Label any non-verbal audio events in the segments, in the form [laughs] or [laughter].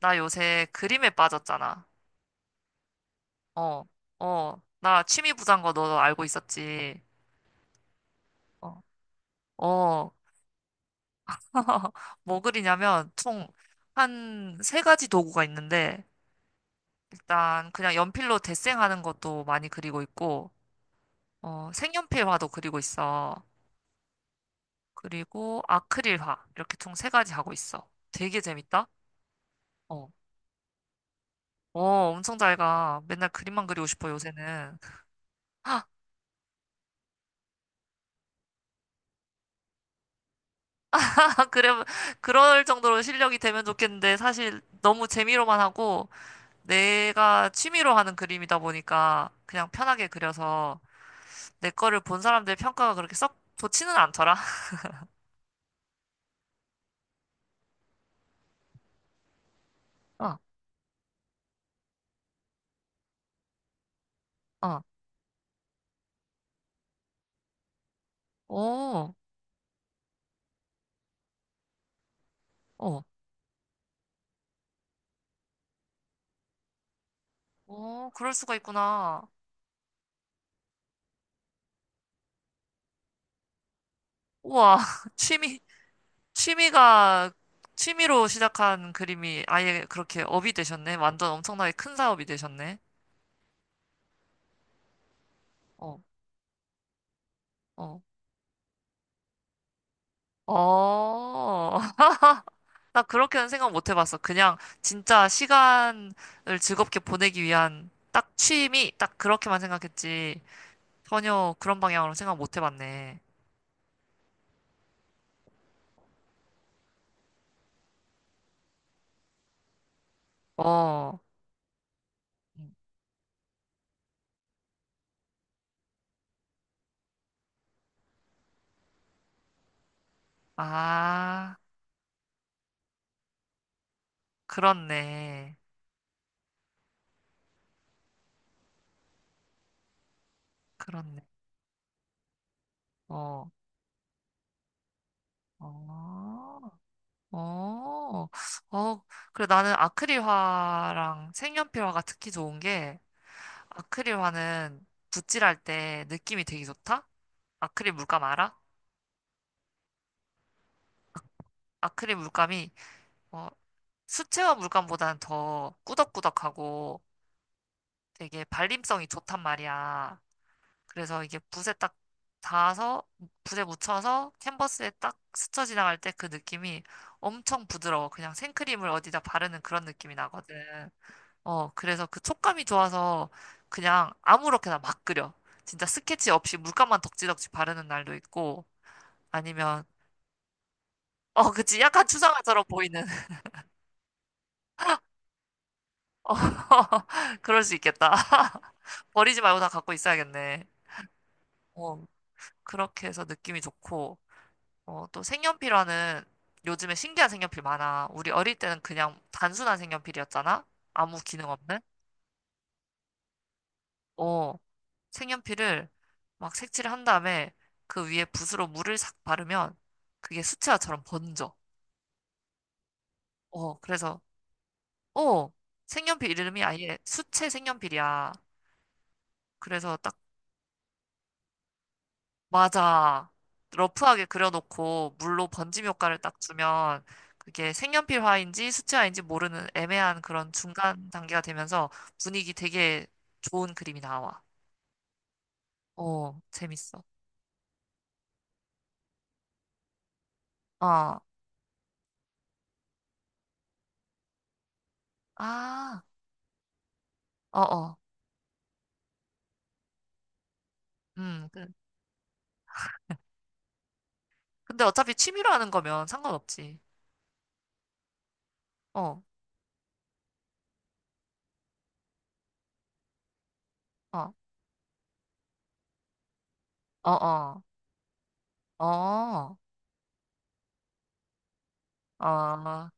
나 요새 그림에 빠졌잖아. 어, 어. 나 취미 부자인 거 너 알고 있었지. 어, 어. [laughs] 뭐 그리냐면 총 한 세 가지 도구가 있는데 일단 그냥 연필로 데생하는 것도 많이 그리고 있고 어, 색연필화도 그리고 있어. 그리고 아크릴화 이렇게 총 세 가지 하고 있어. 되게 재밌다. 어, 어, 엄청 잘 가. 맨날 그림만 그리고 싶어 요새는. [laughs] 그래, 그럴 정도로 실력이 되면 좋겠는데, 사실 너무 재미로만 하고, 내가 취미로 하는 그림이다 보니까, 그냥 편하게 그려서, 내 거를 본 사람들의 평가가 그렇게 썩 좋지는 않더라. [laughs] 어, 어, 오, 어, 오, 그럴 수가 있구나. 우와, [laughs] 취미, 취미가, 취미로 시작한 그림이 아예 그렇게 업이 되셨네. 완전 엄청나게 큰 사업이 되셨네. 어, 어, 어. [laughs] 나 그렇게는 생각 못 해봤어. 그냥 진짜 시간을 즐겁게 보내기 위한 딱 취미, 딱 그렇게만 생각했지. 전혀 그런 방향으로 생각 못 해봤네. 어, 아, 그렇네. 그렇네. 어, 어, 어, 어. 그래, 나는 아크릴화랑 색연필화가 특히 좋은 게 아크릴화는 붓질할 때 느낌이 되게 좋다? 아크릴 물감 알아? 아크릴 물감이 어, 수채화 물감보다는 더 꾸덕꾸덕하고 되게 발림성이 좋단 말이야. 그래서 이게 붓에 딱 닿아서 붓에 묻혀서 캔버스에 딱 스쳐 지나갈 때 그 느낌이 엄청 부드러워. 그냥 생크림을 어디다 바르는 그런 느낌이 나거든. 어, 그래서 그 촉감이 좋아서 그냥 아무렇게나 막 그려. 진짜 스케치 없이 물감만 덕지덕지 바르는 날도 있고 아니면 어, 그치. 약간 추상화처럼 보이는. 어, [laughs] 그럴 수 있겠다. [laughs] 버리지 말고 다 갖고 있어야겠네. 어, 그렇게 해서 느낌이 좋고, 어, 또 색연필화는 요즘에 신기한 색연필 많아. 우리 어릴 때는 그냥 단순한 색연필이었잖아? 아무 기능 없는? 어, 색연필을 막 색칠을 한 다음에 그 위에 붓으로 물을 싹 바르면 그게 수채화처럼 번져. 어, 그래서, 어, 색연필 이름이 아예 수채 색연필이야. 그래서 딱 맞아. 러프하게 그려놓고 물로 번짐 효과를 딱 주면 그게 색연필 화인지 수채 화인지 모르는 애매한 그런 중간 단계가 되면서 분위기 되게 좋은 그림이 나와. 어, 재밌어. 어, 아, 어, 어, 음. 그- 근데 어차피 취미로 하는 거면 상관없지. 어, 어, 어, 어, 어, 어,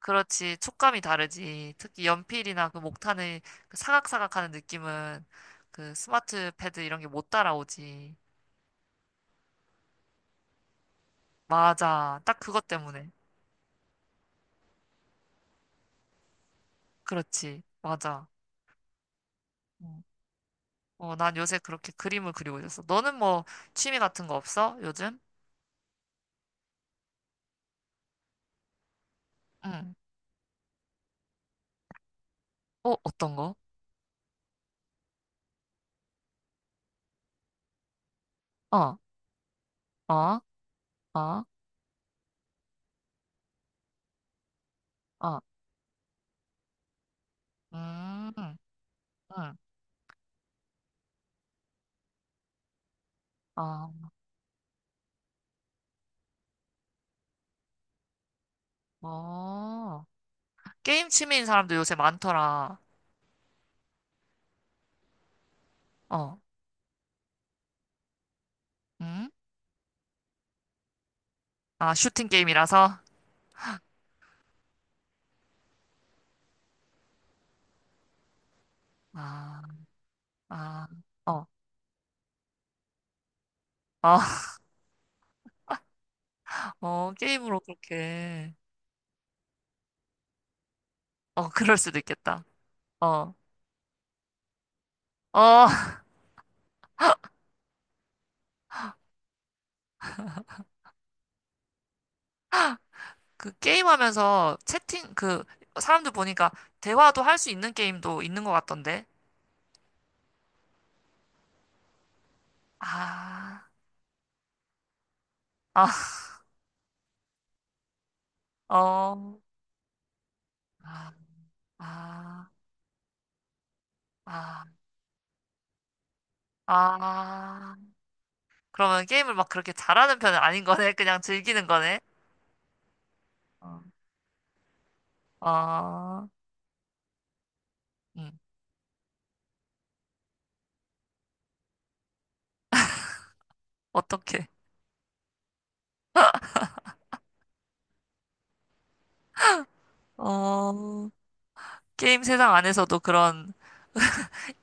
그렇지. 촉감이 다르지. 특히 연필이나 그 목탄의 그 사각사각하는 느낌은 그 스마트 패드 이런 게 못 따라오지. 맞아. 딱 그것 때문에. 그렇지. 맞아. 어, 어, 난 요새 그렇게 그림을 그리고 있었어. 너는 뭐 취미 같은 거 없어? 요즘? 응. 어, 어떤 거? 어, 어, 어, 어. 음, 응. 어, 어. 게임 취미인 사람도 요새 많더라. 어, 응? 아, 슈팅 게임이라서? 아. 아, 어, 아, [laughs] 어, 게임으로 그렇게. 어, 그럴 수도 있겠다. 어, 어, [laughs] 그 게임하면서 채팅, 그, 사람들 보니까 대화도 할 수 있는 게임도 있는 것 같던데. 아, 아, [laughs] 어, 아, 아, 아, 아. 그러면 게임을 막 그렇게 잘하는 편은 아닌 거네. 그냥 즐기는 거네. 어, 어, 음, 어떻게 어, 게임 세상 안에서도 그런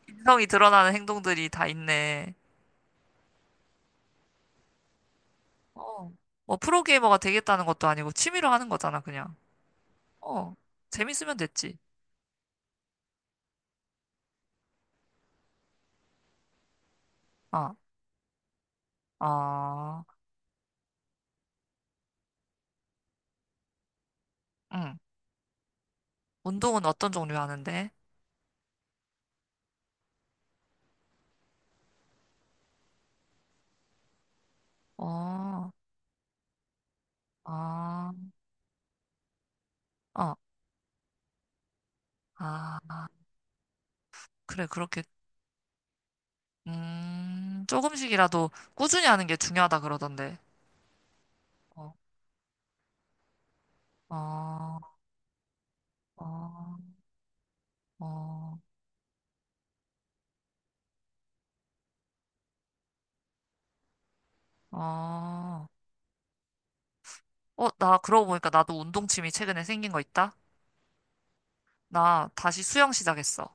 인성이 드러나는 행동들이 다 있네. 어, 뭐 프로게이머가 되겠다는 것도 아니고 취미로 하는 거잖아, 그냥. 어, 재밌으면 됐지. 아, 아, 응. 운동은 어떤 종류 하는데? 어, 아, 어, 아, 그래, 그렇게, 조금씩이라도 꾸준히 하는 게 중요하다 그러던데. 어, 어, 어, 어, 어, 어, 나 그러고 보니까 나도 운동 취미 최근에 생긴 거 있다? 나 다시 수영 시작했어.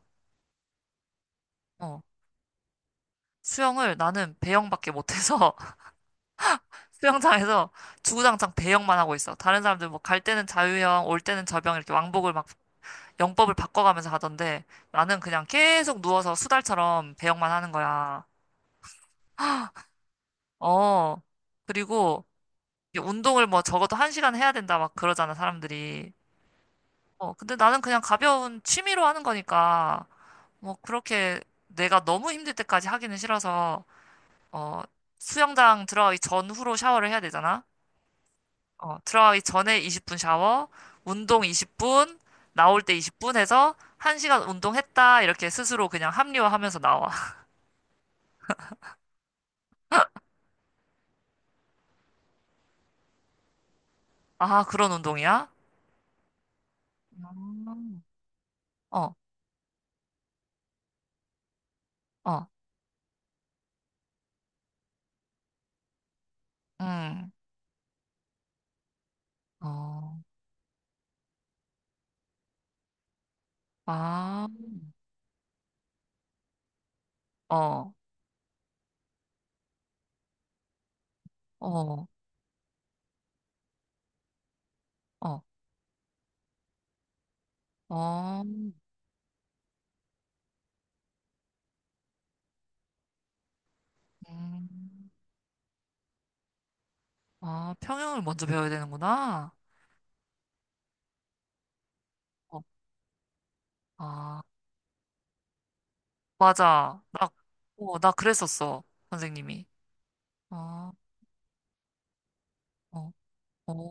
어, 수영을 나는 배영밖에 못해서 수영장에서 주구장창 배영만 하고 있어. 다른 사람들 뭐 갈 때는 자유형, 올 때는 접영 이렇게 왕복을 막 영법을 바꿔가면서 하던데 나는 그냥 계속 누워서 수달처럼 배영만 하는 거야. 어. 그리고 이게 운동을 뭐 적어도 한 시간 해야 된다 막 그러잖아, 사람들이. 어. 근데 나는 그냥 가벼운 취미로 하는 거니까 뭐 그렇게 내가 너무 힘들 때까지 하기는 싫어서 어. 수영장 들어가기 전후로 샤워를 해야 되잖아. 어, 들어가기 전에 20분 샤워, 운동 20분, 나올 때 20분 해서 1시간 운동했다. 이렇게 스스로 그냥 합리화하면서 나와. [laughs] 아, 그런 운동이야? 음. 어, 어, 음, 어, 아, 어, 어, 어, 어, 음, 아, 평형을 먼저 배워야 되는구나. 어, 아, 맞아. 어, 나 그랬었어. 선생님이. 아, 어, 어,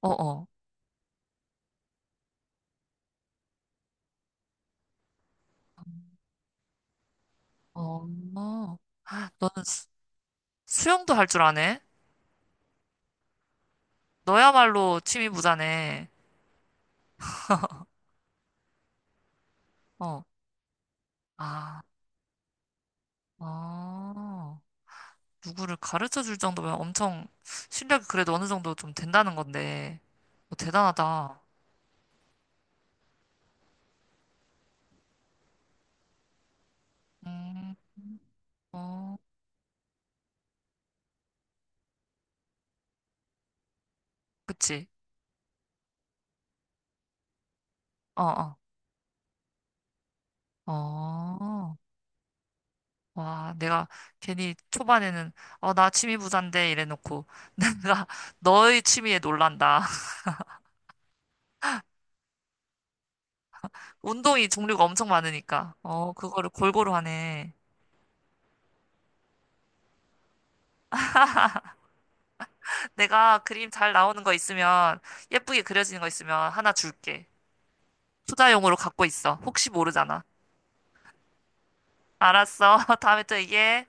어, 어, 어. 너는 수, 수영도 할 줄 아네? 너야말로 취미 부자네. 어. 아, 어. 누구를 가르쳐 줄 정도면 엄청 실력이 그래도 어느 정도 좀 된다는 건데. 어, 대단하다. 음, 어, 그치. 어, 어, 어. 와, 내가 괜히 초반에는, 어, 나 취미 부자인데, 이래놓고. [laughs] 내가 너의 취미에 놀란다. [laughs] 운동이 종류가 엄청 많으니까. 어, 그거를 골고루 하네. 내가 그림 잘 나오는 거 있으면, 예쁘게 그려지는 거 있으면 하나 줄게. 투자용으로 갖고 있어. 혹시 모르잖아. 알았어. [laughs] 다음에 또 얘기해.